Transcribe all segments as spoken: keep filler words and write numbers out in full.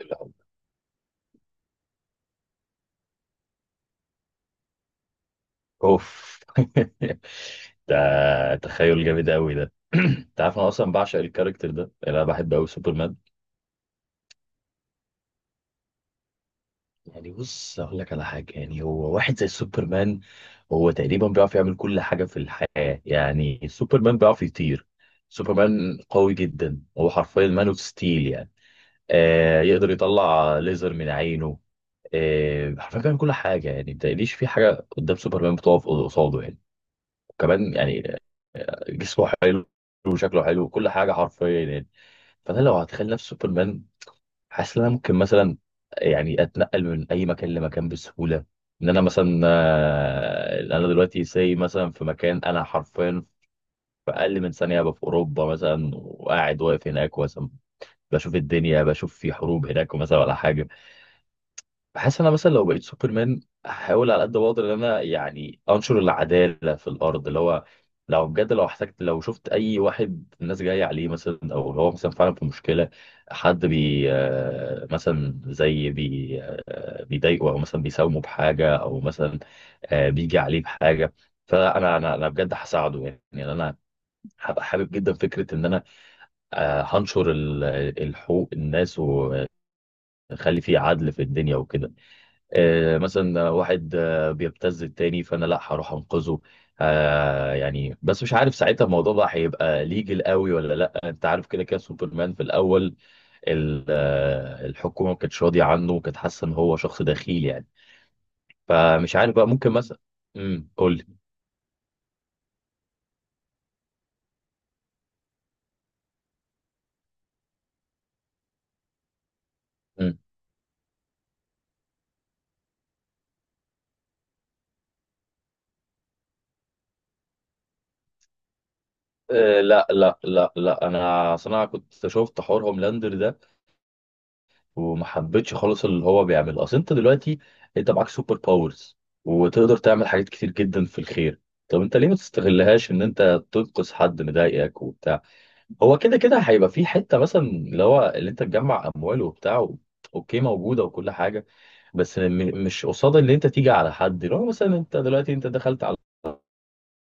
الأول. اوف ده، تخيل جامد قوي ده. انت عارف انا اصلا بعشق الكاركتر ده، يعني انا بحب قوي سوبرمان. يعني بص، اقول لك على حاجه، يعني هو واحد زي سوبرمان. هو تقريبا بيعرف يعمل كل حاجه في الحياه، يعني سوبرمان بيعرف يطير. سوبرمان قوي جدا، هو حرفيا مان اوف ستيل يعني. آه يقدر يطلع ليزر من عينه. آه حرفيا بيعمل كل حاجه، يعني ما تقليش في حاجه قدام سوبرمان بتقف قصاده يعني. كمان يعني آه، جسمه حلو وشكله حلو وكل حاجه حرفيا يعني. فانا لو هتخيل نفسي سوبرمان، حاسس ان انا ممكن مثلا يعني اتنقل من اي مكان لمكان بسهوله. ان انا مثلا آه، انا دلوقتي ساي مثلا في مكان، انا حرفيا في اقل من ثانيه ابقى في اوروبا مثلا، وقاعد واقف هناك مثلا بشوف الدنيا، بشوف في حروب هناك مثلا ولا حاجه. بحس ان انا مثلا لو بقيت سوبرمان، هحاول على قد ما اقدر ان انا يعني انشر العداله في الارض. اللي هو لو بجد، لو احتجت، لو شفت اي واحد الناس جايه عليه مثلا، او هو مثلا فعلا في مشكله، حد بي آه، مثلا زي بي آه، بيضايقه، او مثلا بيساومه بحاجه، او مثلا آه، بيجي عليه بحاجه، فانا انا انا بجد هساعده يعني. يعني انا هبقى حابب جدا فكره ان انا آه، هنشر ال- الحقوق الناس، واخلي فيه عدل في الدنيا وكده. آه، مثلا واحد آه، بيبتز التاني، فانا لا، هروح انقذه. آه، يعني بس مش عارف ساعتها الموضوع ده هيبقى ليجل قوي ولا لا. انت عارف كده كده سوبرمان في الاول ال- آه، الحكومه ما كانتش راضيه عنه، وكانت حاسه ان هو شخص دخيل يعني. فمش عارف بقى ممكن مثلا. امم قول لي. مم. آه، لا لا لا لا، انا اصل انا كنت شفت حوار هوملاندر ده، وما حبيتش خالص اللي هو بيعمله. اصل انت دلوقتي انت معاك سوبر باورز، وتقدر تعمل حاجات كتير جدا في الخير. طب انت ليه ما تستغلهاش ان انت تنقذ حد مضايقك وبتاع؟ هو كده كده هيبقى في حته مثلا اللي هو اللي انت تجمع اموال وبتاع و... اوكي، موجوده وكل حاجه. بس م... مش قصاد اللي انت تيجي على حد. لو مثلا انت دلوقتي انت دخلت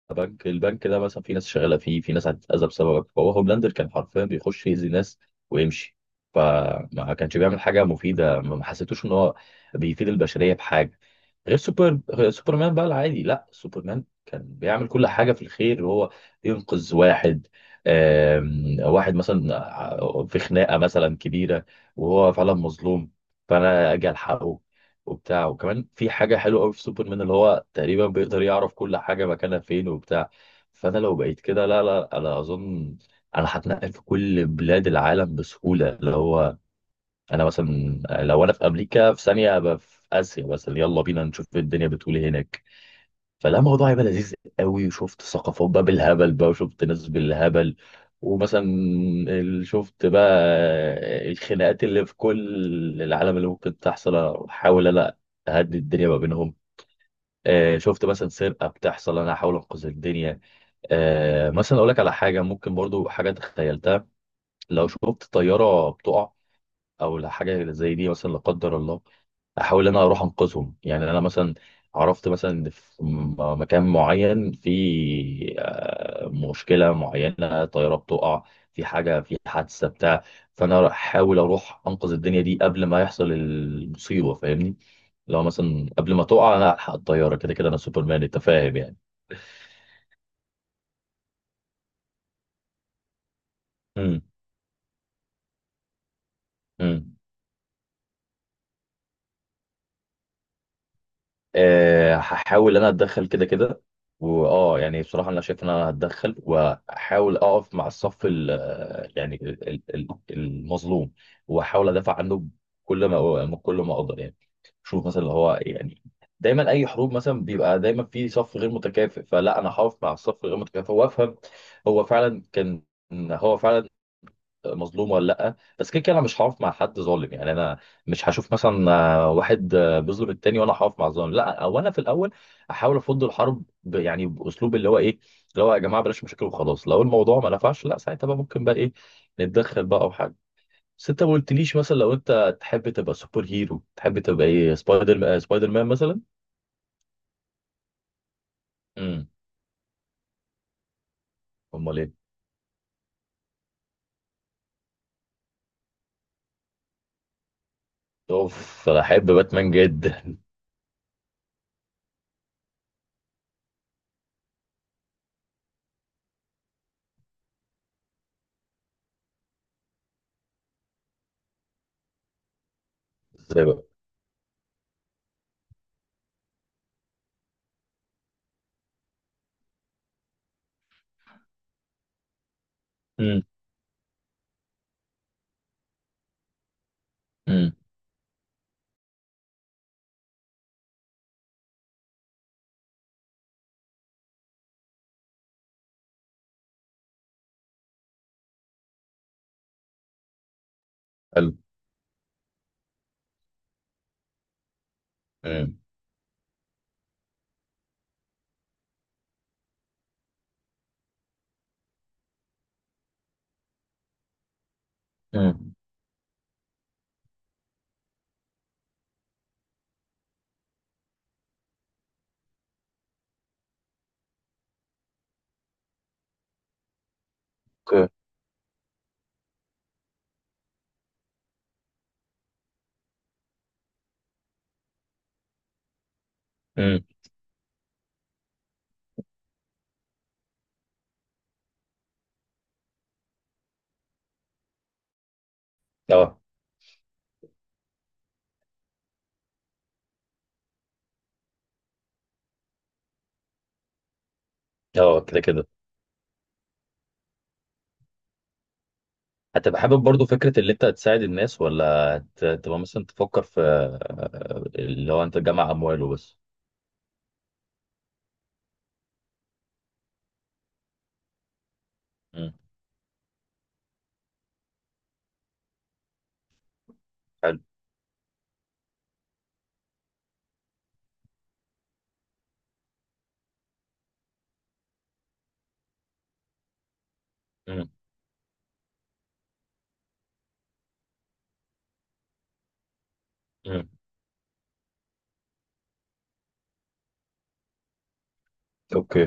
بنك، البنك ده مثلا في ناس شغاله فيه، في ناس هتتاذى بسببك. فهو هوملاندر كان حرفيا بيخش يأذي ناس ويمشي. فما كانش بيعمل حاجه مفيده. ما ما حسيتوش ان هو بيفيد البشريه بحاجه. غير سوبر غير سوبرمان بقى العادي، لا سوبرمان كان بيعمل كل حاجة في الخير. وهو ينقذ واحد، آم، واحد مثلا ع- في خناقة مثلا كبيرة، وهو فعلا مظلوم، فأنا أجي ألحقه وبتاع. وكمان في حاجة حلوة قوي في سوبرمان، اللي هو تقريبا بيقدر يعرف كل حاجة مكانها فين وبتاع. فأنا لو بقيت كده، لا لا أنا أظن أنا هتنقل في كل بلاد العالم بسهولة. اللي هو انا مثلا لو انا في امريكا، في ثانيه ابقى في اسيا مثلا. يلا بينا نشوف إيه الدنيا بتقول ايه هناك. فلا، الموضوع هيبقى لذيذ قوي. وشفت ثقافات بقى بالهبل بقى، وشفت ناس بالهبل. ومثلا ال- شفت بقى الخناقات اللي في كل العالم اللي ممكن تحصل، احاول انا اهدي الدنيا ما بينهم. آه، شفت مثلا سرقه بتحصل، انا احاول انقذ الدنيا. آه، مثلا اقول لك على حاجه ممكن برضو حاجه تخيلتها. لو شفت طياره بتقع، او حاجه زي دي مثلا، لا قدر الله، احاول إن انا اروح انقذهم. يعني انا مثلا عرفت مثلا إن في م- مكان معين، في آه، مشكله معينه، طياره بتقع، في حاجه، في حادثه بتاع، فانا احاول اروح انقذ الدنيا دي قبل ما يحصل المصيبه. فاهمني؟ لو مثلا قبل ما تقع انا الحق الطياره، كده كده انا سوبرمان، انت فاهم يعني. امم. امم. أه هحاول انا اتدخل كده كده. واه يعني بصراحه انا شايف ان انا هتدخل، واحاول اقف مع الصف ال، يعني ال- ال- ال- المظلوم، واحاول ادافع عنه كل ما كل ما اقدر يعني. شوف مثلا اللي هو يعني دايما اي حروب مثلا بيبقى دايما في صف غير متكافئ، فلا انا هقف مع الصف الغير متكافئ. وافهم هو فعلا كان هو فعلا مظلوم ولا لا. بس كده كده انا مش هقف مع حد ظالم يعني. انا مش هشوف مثلا آه، واحد آه، بيظلم التاني وانا هقف مع الظالم، لا. او انا في الاول احاول افض الحرب ب... يعني باسلوب اللي هو ايه؟ اللي هو يا جماعه بلاش مشاكل وخلاص. لو الموضوع ما نفعش، لا ساعتها بقى ممكن بقى ايه، نتدخل بقى او حاجه. بس انت ما قلتليش مثلا لو انت تحب تبقى سوبر هيرو تحب تبقى ايه؟ سبايدر آه، سبايدر مان مثلا. امم، امال ايه؟ اوف انا احب باتمان جدا. ازاي بقى؟ امم. امم. حلو. امم. امم. اوكي. امم. اه. اه كده كده. هتبقى حابب برضو فكرة اللي انت هتساعد الناس، ولا هت- هتبقى مثلا تفكر في آه، اللي هو انت تجمع امواله بس؟ مم. حلو. مم. مم. اوكي.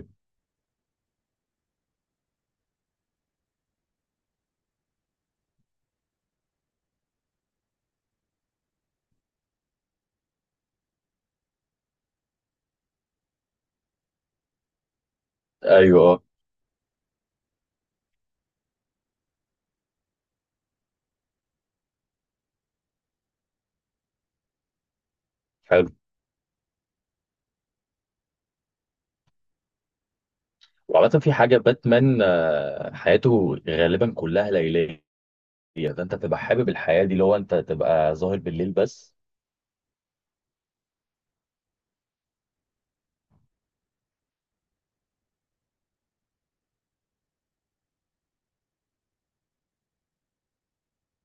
ايوه اه. حلو. وعامة في حاجة باتمان، آه، حياته غالبا كلها ليلية. فانت تبقى حابب الحياة دي، اللي هو انت تبقى ظاهر بالليل بس؟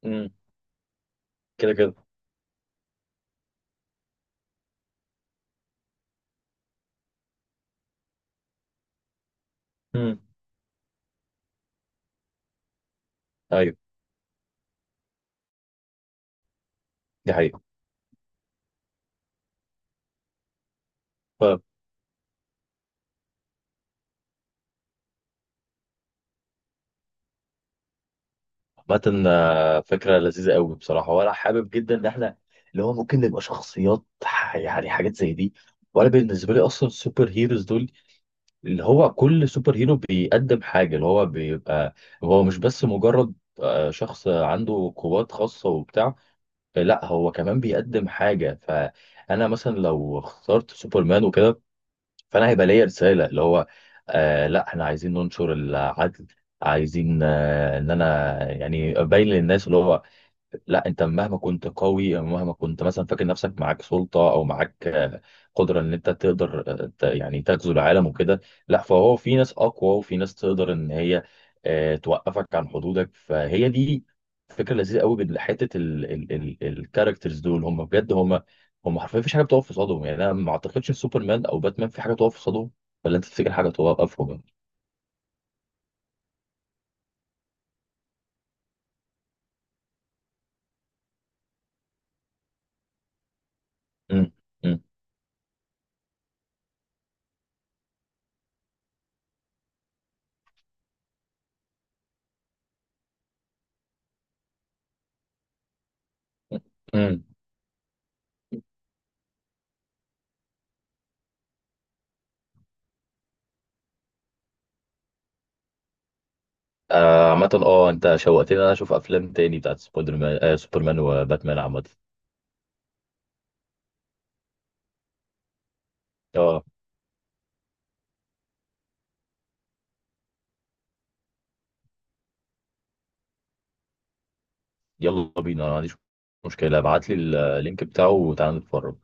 مم. كده كده. مم. ايوه، دي حقيقة. عامة آه، فكرة لذيذة قوي بصراحة، وأنا حابب جدا إن إحنا اللي هو ممكن نبقى شخصيات ح- يعني حاجات زي دي. وأنا بالنسبة لي أصلا السوبر هيروز دول، اللي هو كل سوبر هيرو بيقدم حاجة. اللي هو بيبقى هو مش بس مجرد آه، شخص عنده قوات خاصة وبتاع، لا هو كمان بيقدم حاجة. فأنا مثلا لو اخترت سوبرمان وكده، فأنا هيبقى ليا رسالة اللي هو آه لا، إحنا عايزين ننشر العدل. عايزين آه، ان انا يعني ابين للناس اللي هو لا، انت مهما كنت قوي، مهما كنت مثلا فاكر نفسك معاك سلطه او معاك قدره ان انت تقدر ت- يعني تغزو العالم وكده، لا. فهو في ناس اقوى، وفي ناس تقدر ان هي آه، توقفك عن حدودك. فهي دي فكره لذيذه قوي بحته. الكاركترز دول هم بجد هم هم حرفيا مفيش حاجه بتقف في صدهم يعني. انا ما اعتقدش إن سوبرمان او باتمان في حاجه تقف في صدهم. ولا انت تفتكر حاجه توقفهم؟ امم. امم. آه، عامة اه انت شوقتني إن انا اشوف افلام تاني بتاعت سبايدر مان، آه سوبرمان وباتمان عامة. اه يلا بينا، انا ما عنديش مشكلة. ابعت لي اللينك بتاعه وتعالى نتفرج.